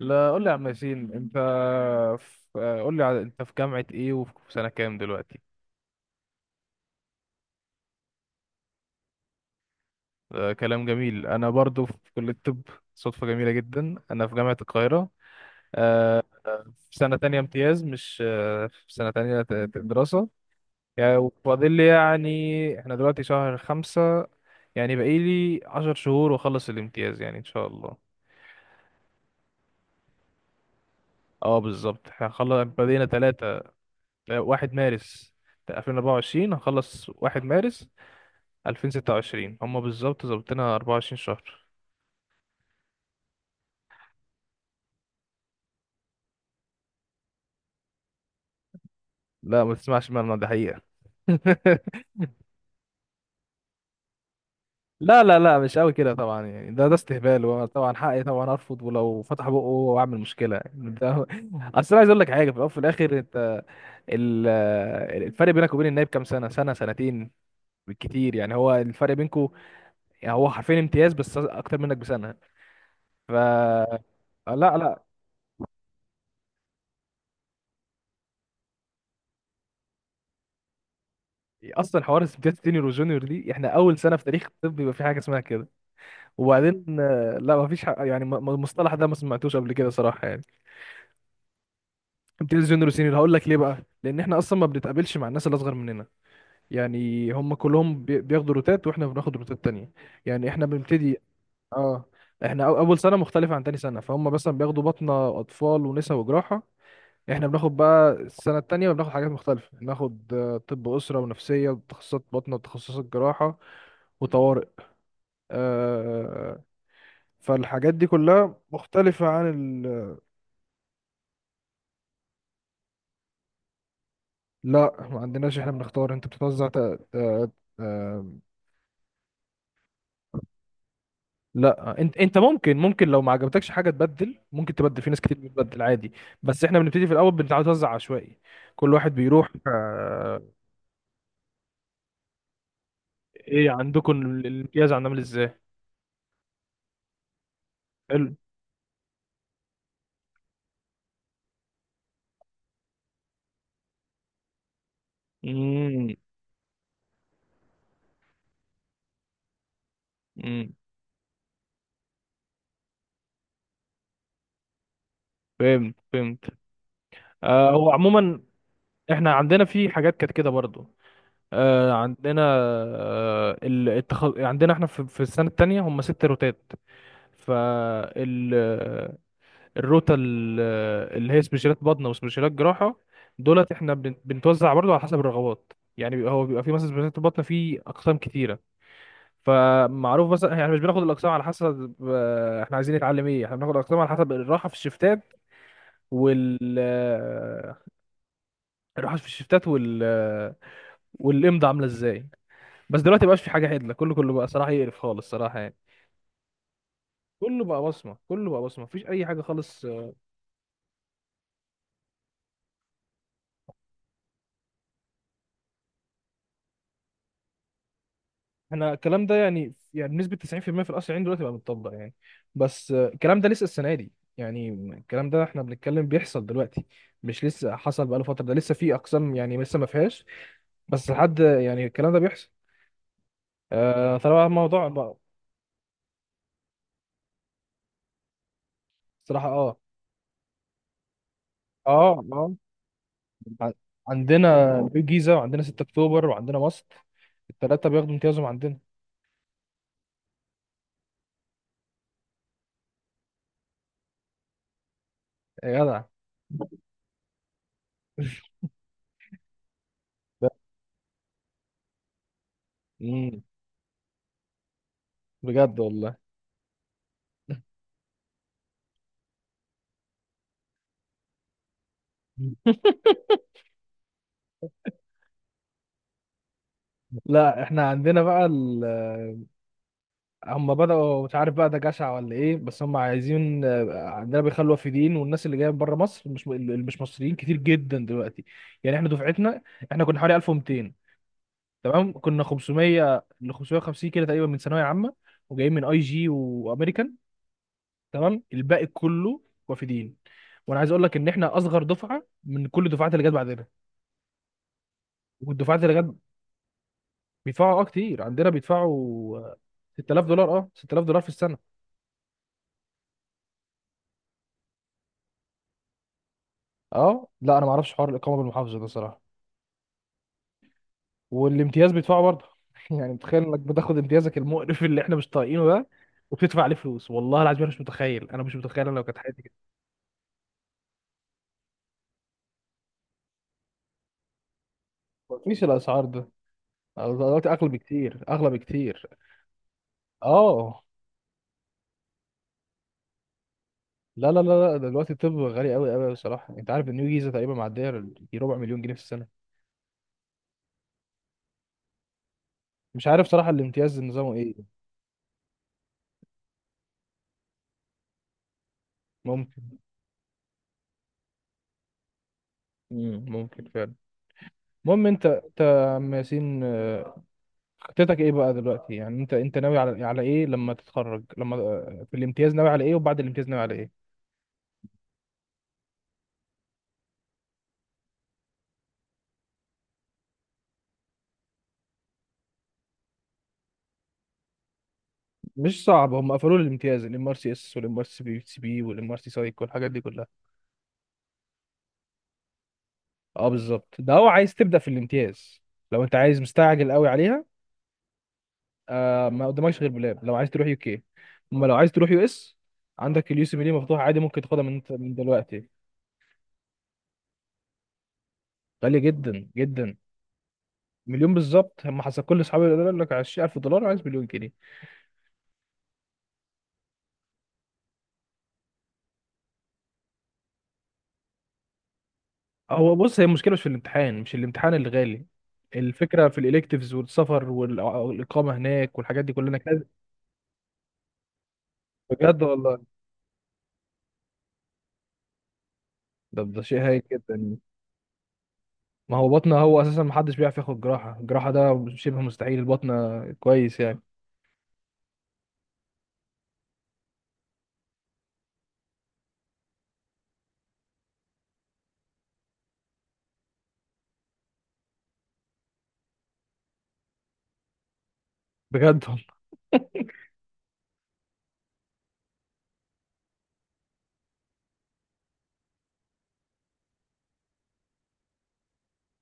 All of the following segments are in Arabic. لا، قول لي يا عم ياسين. انت في... قول لي على- انت في جامعة ايه وفي سنة كام دلوقتي؟ آه كلام جميل، انا برضو في كلية الطب. صدفة جميلة جدا، انا في جامعة القاهرة. آه في سنة تانية امتياز، مش في سنة تانية دراسة يعني. وفاضل لي يعني، احنا دلوقتي شهر خمسة. يعني باقي لي 10 شهور واخلص الامتياز يعني ان شاء الله. اه بالظبط، احنا هنخلص. بدينا تلاتة، واحد مارس 2024، هنخلص واحد مارس 2026. هم بالظبط ظابطينها 24 شهر. لا، ما تسمعش منه، ده حقيقة. لا لا لا، مش قوي كده طبعا، يعني ده استهبال، وطبعا حقي طبعا ارفض، ولو فتح بقه واعمل مشكله يعني ده. اصل انا عايز اقول لك حاجه في الاول وفي الاخر. انت ال- الفرق بينك وبين النايب كام سنه؟ سنه، سنتين بالكتير يعني. هو الفرق بينكم يعني هو حرفيا امتياز بس اكتر منك بسنه. ف... لا لا. اصلا حوار امتياز سينيور وجونيور دي، احنا اول سنه في تاريخ الطب يبقى في حاجه اسمها كده. وبعدين لا ما فيش حق يعني، المصطلح ده ما سمعتوش قبل كده صراحه يعني. امتياز جونيور وسينيور هقول لك ليه بقى، لان احنا اصلا ما بنتقابلش مع الناس اللي اصغر مننا. يعني هم كلهم بياخدوا روتات واحنا بناخد روتات تانية. يعني احنا بنبتدي. اه، احنا اول سنه مختلفه عن تاني سنه. فهم مثلا بياخدوا بطنه اطفال ونساء وجراحه. احنا بناخد بقى السنه التانية بناخد حاجات مختلفه، بناخد طب اسره ونفسيه وتخصصات بطنه وتخصصات جراحه وطوارئ. آه، فالحاجات دي كلها مختلفة عن... لا، ما عندناش، احنا بنختار. انت بتتوزع ت... ت... آم، لا، انت ممكن، لو ما عجبتكش حاجه تبدل، ممكن تبدل، في ناس كتير بتبدل عادي. بس احنا بنبتدي في الاول بنتوزع عشوائي. كل واحد بيروح ايه عندكم الامتياز عندنا عامل ازاي؟ حلو. امم. امم. فهمت فهمت. آه هو عموما احنا عندنا في حاجات كانت كده برضو. آه عندنا. عندنا احنا في السنه التانية هم ست روتات. فال الروتا اللي هي سبيشالات بطنه وسبيشالات جراحه. دولت احنا بنتوزع برضو على حسب الرغبات. يعني هو بيبقى في مثلا سبيشالات البطنه في اقسام كتيره. فمعروف مثلا يعني مش بناخد الاقسام على حسب احنا عايزين نتعلم ايه، احنا بناخد الاقسام على حسب الراحه في الشفتات وال آه، الراحه في الشفتات والامضه عامله ازاي. بس دلوقتي مبقاش في حاجه عدله، كله بقى صراحه يقرف خالص صراحه يعني. كله بقى بصمه، مفيش اي حاجه خالص. احنا الكلام ده يعني بنسبة 90% في المية في القصر العيني دلوقتي بقى متطبق يعني. بس الكلام ده لسه السنة دي يعني. الكلام ده احنا بنتكلم بيحصل دلوقتي، مش لسه حصل بقاله فترة. ده لسه في أقسام يعني لسه ما فيهاش، بس لحد يعني الكلام ده بيحصل. آه طبعا الموضوع بقى... صراحة اه. اه اه. ع- عندنا في الجيزة، وعندنا 6 أكتوبر، وعندنا مصر. التلاتة بياخدوا امتيازهم عندنا. يا جدع. ده- مم، بجد والله. لا احنا عندنا بقى، هم بدأوا، مش عارف بقى ده جشع ولا ايه، بس هم عايزين عندنا بيخلوا وافدين. والناس اللي جايه من بره مصر، مش اللي مش مصريين، كتير جدا دلوقتي. يعني احنا دفعتنا احنا كنا حوالي 1200. تمام كنا 500 ل 550 كده تقريبا من ثانويه عامه، وجايين من اي جي وامريكان. تمام الباقي كله وافدين. وانا عايز اقول لك ان احنا اصغر دفعه من كل الدفعات اللي جت بعدنا والدفعات اللي جت. بيدفعوا اه كتير، عندنا بيدفعوا 6000 دولار، اه 6000 دولار في السنه. اه لا انا ما اعرفش حوار الاقامه بالمحافظه ده صراحه. والامتياز بيدفعه برضه. يعني متخيل انك بتاخد امتيازك المقرف اللي احنا مش طايقينه ده وبتدفع عليه فلوس؟ والله العظيم انا مش متخيل، انا مش متخيل، انا لو كانت حياتي كده... مفيش الاسعار ده دلوقتي، اغلى بكتير، اغلى بكتير. اه لا لا لا لا، دلوقتي الطب غالي قوي قوي بصراحه. انت عارف النيو جيزه تقريبا معديه دي ربع مليون جنيه في السنه؟ مش عارف صراحه الامتياز نظامه ايه. ممكن. مم. ممكن فعلا. المهم انت يا عم ياسين، خطتك ايه بقى دلوقتي؟ يعني انت ناوي على ايه لما تتخرج، لما في الامتياز ناوي على ايه، وبعد الامتياز ناوي على ايه؟ مش صعب، هم قفلوا لي الامتياز، الام ار سي اس والام ار سي بي سي بي والام ار سي سايك والحاجات دي كلها. اه بالظبط، ده هو، عايز تبدا في الامتياز لو انت عايز مستعجل قوي عليها. آه ما قدامكش غير بلاب لو عايز تروح يو كي. اما لو عايز تروح يو اس، عندك اليو سي بي دي مفتوح عادي، ممكن تاخدها من دلوقتي. غاليه جدا جدا. مليون بالظبط. هم حسب كل اصحابي يقول لك 20000 دولار، عايز مليون جنيه. هو بص، هي المشكله مش في الامتحان، مش الامتحان اللي غالي. الفكره في الالكتيفز والسفر والاقامه هناك والحاجات دي كلها، انك لازم... بجد والله، ده شيء هايل جدا. ما هو بطنه، هو اساسا ما حدش بيعرف ياخد جراحه. الجراحه ده شبه مستحيل، البطنه كويس يعني. بجد والله.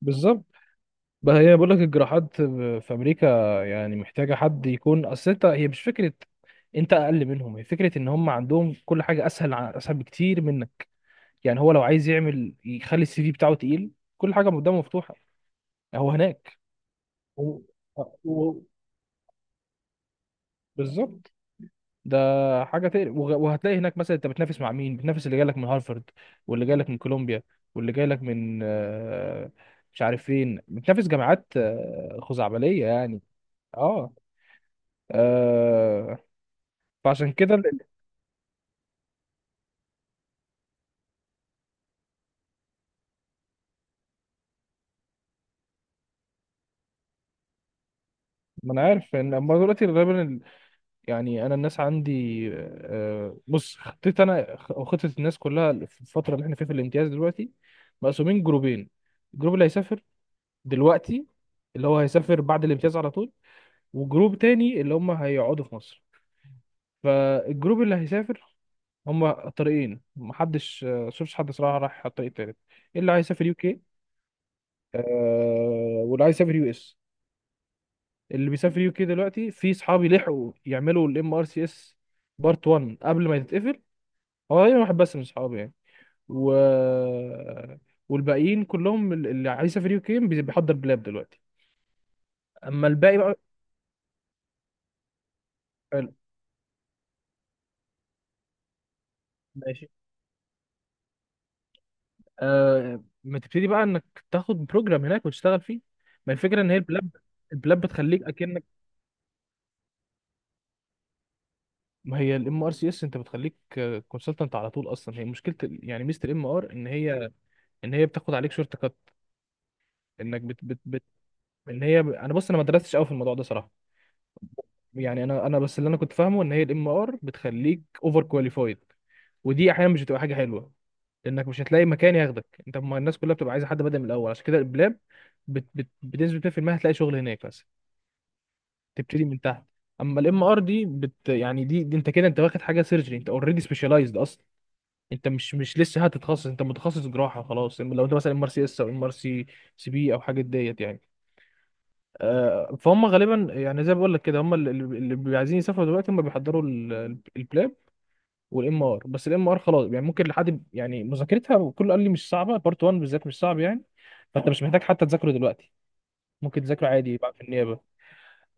بالظبط. بقى هي، بقول لك الجراحات في امريكا يعني محتاجه حد يكون اصل انت، هي مش فكره انت اقل منهم، هي فكره ان هم عندهم كل حاجه اسهل اسهل بكتير منك. يعني هو لو عايز يعمل يخلي السي في بتاعه تقيل، كل حاجه قدامه مفتوحه هو هناك. و... و... بالظبط، ده حاجه تقلق وهتلاقي هناك مثلا انت بتنافس مع مين؟ بتنافس اللي جايلك من هارفارد واللي جايلك من كولومبيا واللي جايلك من مش عارف فين، بتنافس جامعات خزعبليه يعني. اه. آه، فعشان كده ما انا عارف ان اما دلوقتي غالبا يعني انا الناس عندي بص، خطيت انا وخطه الناس كلها في الفتره اللي احنا فيها في الامتياز دلوقتي مقسومين جروبين. الجروب اللي هيسافر دلوقتي، اللي هو هيسافر بعد الامتياز على طول، وجروب تاني اللي هم هيقعدوا في مصر. فالجروب اللي هيسافر هم طريقين، محدش شفتش حد صراحة راح على الطريق التالت. اللي عايز يسافر يو كي، آه، واللي عايز يسافر يو اس. اللي بيسافر يو كي دلوقتي في صحابي لحقوا يعملوا الام ار سي اس بارت 1 قبل ما يتقفل. هو تقريبا واحد بس من صحابي يعني. و والباقيين كلهم اللي عايز يسافر يو كي بيحضر بلاب دلوقتي. اما الباقي بقى... حلو. ماشي. آه ما تبتدي بقى انك تاخد بروجرام هناك وتشتغل فيه. ما الفكره ان هي البلاب، البلاب بتخليك اكنك... ما هي الام ار سي اس انت بتخليك كونسلتنت على طول. اصلا هي مشكله يعني ميزه الام ار، ان هي ان هي بتاخد عليك شورت كات، انك بت بت بت ان هي، انا بص، انا ما درستش قوي في الموضوع ده صراحه يعني. انا بس اللي انا كنت فاهمه ان هي الام ار بتخليك اوفر كواليفايد، ودي احيانا مش بتبقى حاجه حلوه، لانك مش هتلاقي مكان ياخدك، انت ما الناس كلها بتبقى عايزه حد بادئ من الاول. عشان كده البلاب بت بت بتنزل 2%، هتلاقي شغل هناك بس تبتدي من تحت. اما الام ار دي يعني دي انت كده، انت واخد حاجه سيرجري، انت اوريدي سبيشالايزد اصلا. انت مش لسه هتتخصص، انت متخصص جراحه خلاص لو انت مثلا ام ار سي اس او ام ار سي سي بي او حاجه ديت يعني. فهم غالبا، يعني زي ما بقول لك كده، هم اللي بيبقوا عايزين يسافروا دلوقتي هم بيحضروا البلاب والام ار. بس الام ار خلاص يعني ممكن لحد يعني مذاكرتها، وكله قال لي مش صعبه، بارت 1 بالذات مش صعب يعني. فانت مش محتاج حتى تذاكره دلوقتي، ممكن تذاكره عادي بقى في النيابه.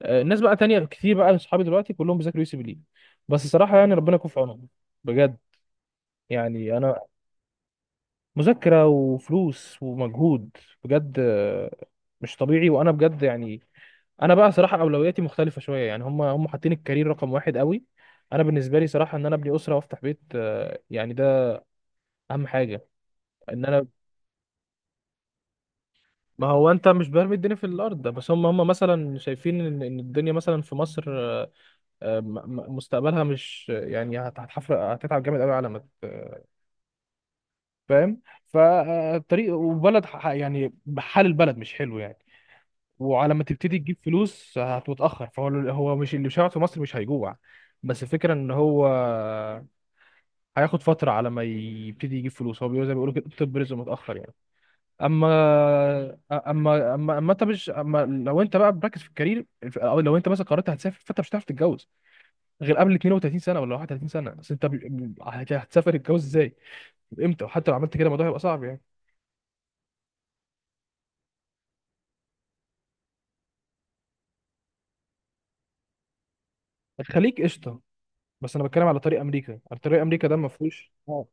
الناس بقى تانية كتير بقى من صحابي دلوقتي كلهم بيذاكروا يو سي بي لي، بس صراحة يعني ربنا يكون في عونهم بجد. يعني أنا... مذاكرة وفلوس ومجهود، بجد مش طبيعي. وأنا بجد يعني أنا بقى صراحة أولوياتي مختلفة شوية، يعني هم حاطين الكارير رقم واحد قوي. أنا بالنسبة لي صراحة إن أنا أبني أسرة وأفتح بيت يعني ده أهم حاجة. إن أنا، ما هو أنت مش برمي الدنيا في الأرض ده، بس هم مثلا شايفين إن الدنيا مثلا في مصر آه، م- مستقبلها مش يعني هتحفر، هتتعب جامد قوي على ما فاهم. فالطريق، وبلد يعني حال البلد مش حلو يعني. وعلى ما تبتدي تجيب فلوس هتتأخر، فهو هو مش اللي بيشتغل في مصر مش هيجوع، بس الفكرة ان هو هياخد فترة على ما يبتدي يجيب فلوس. هو بيقول زي ما بيقولوا كده طب رزق متأخر يعني. اما اما انت مش، اما لو انت بقى مركز في الكارير او لو انت مثلا قررت هتسافر، فانت مش هتعرف تتجوز غير قبل 32 سنه ولا 31 سنه. بس انت هتسافر تتجوز ازاي؟ امتى؟ وحتى لو عملت كده الموضوع هيبقى صعب يعني. الخليج قشطه. بس انا بتكلم على طريق امريكا، على طريق امريكا ده ما فيهوش اه.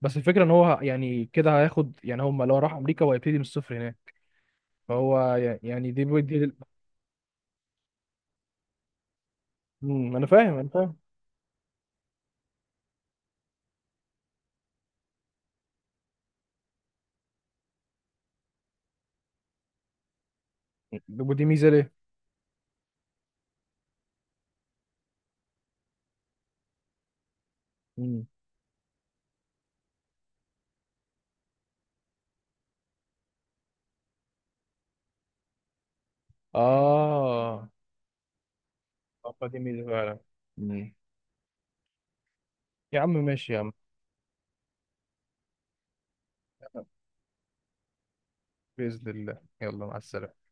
بس الفكره ان هو يعني كده هياخد، يعني هم لو راح امريكا هو هيبتدي من الصفر هناك. فهو يعني دي... مم، انا فاهم انا فاهم. ودي ميزه ليه؟ مم. اه دي ميزه فعلا. مم. يا عم ماشي يا عم. باذن الله، يلا مع السلامه.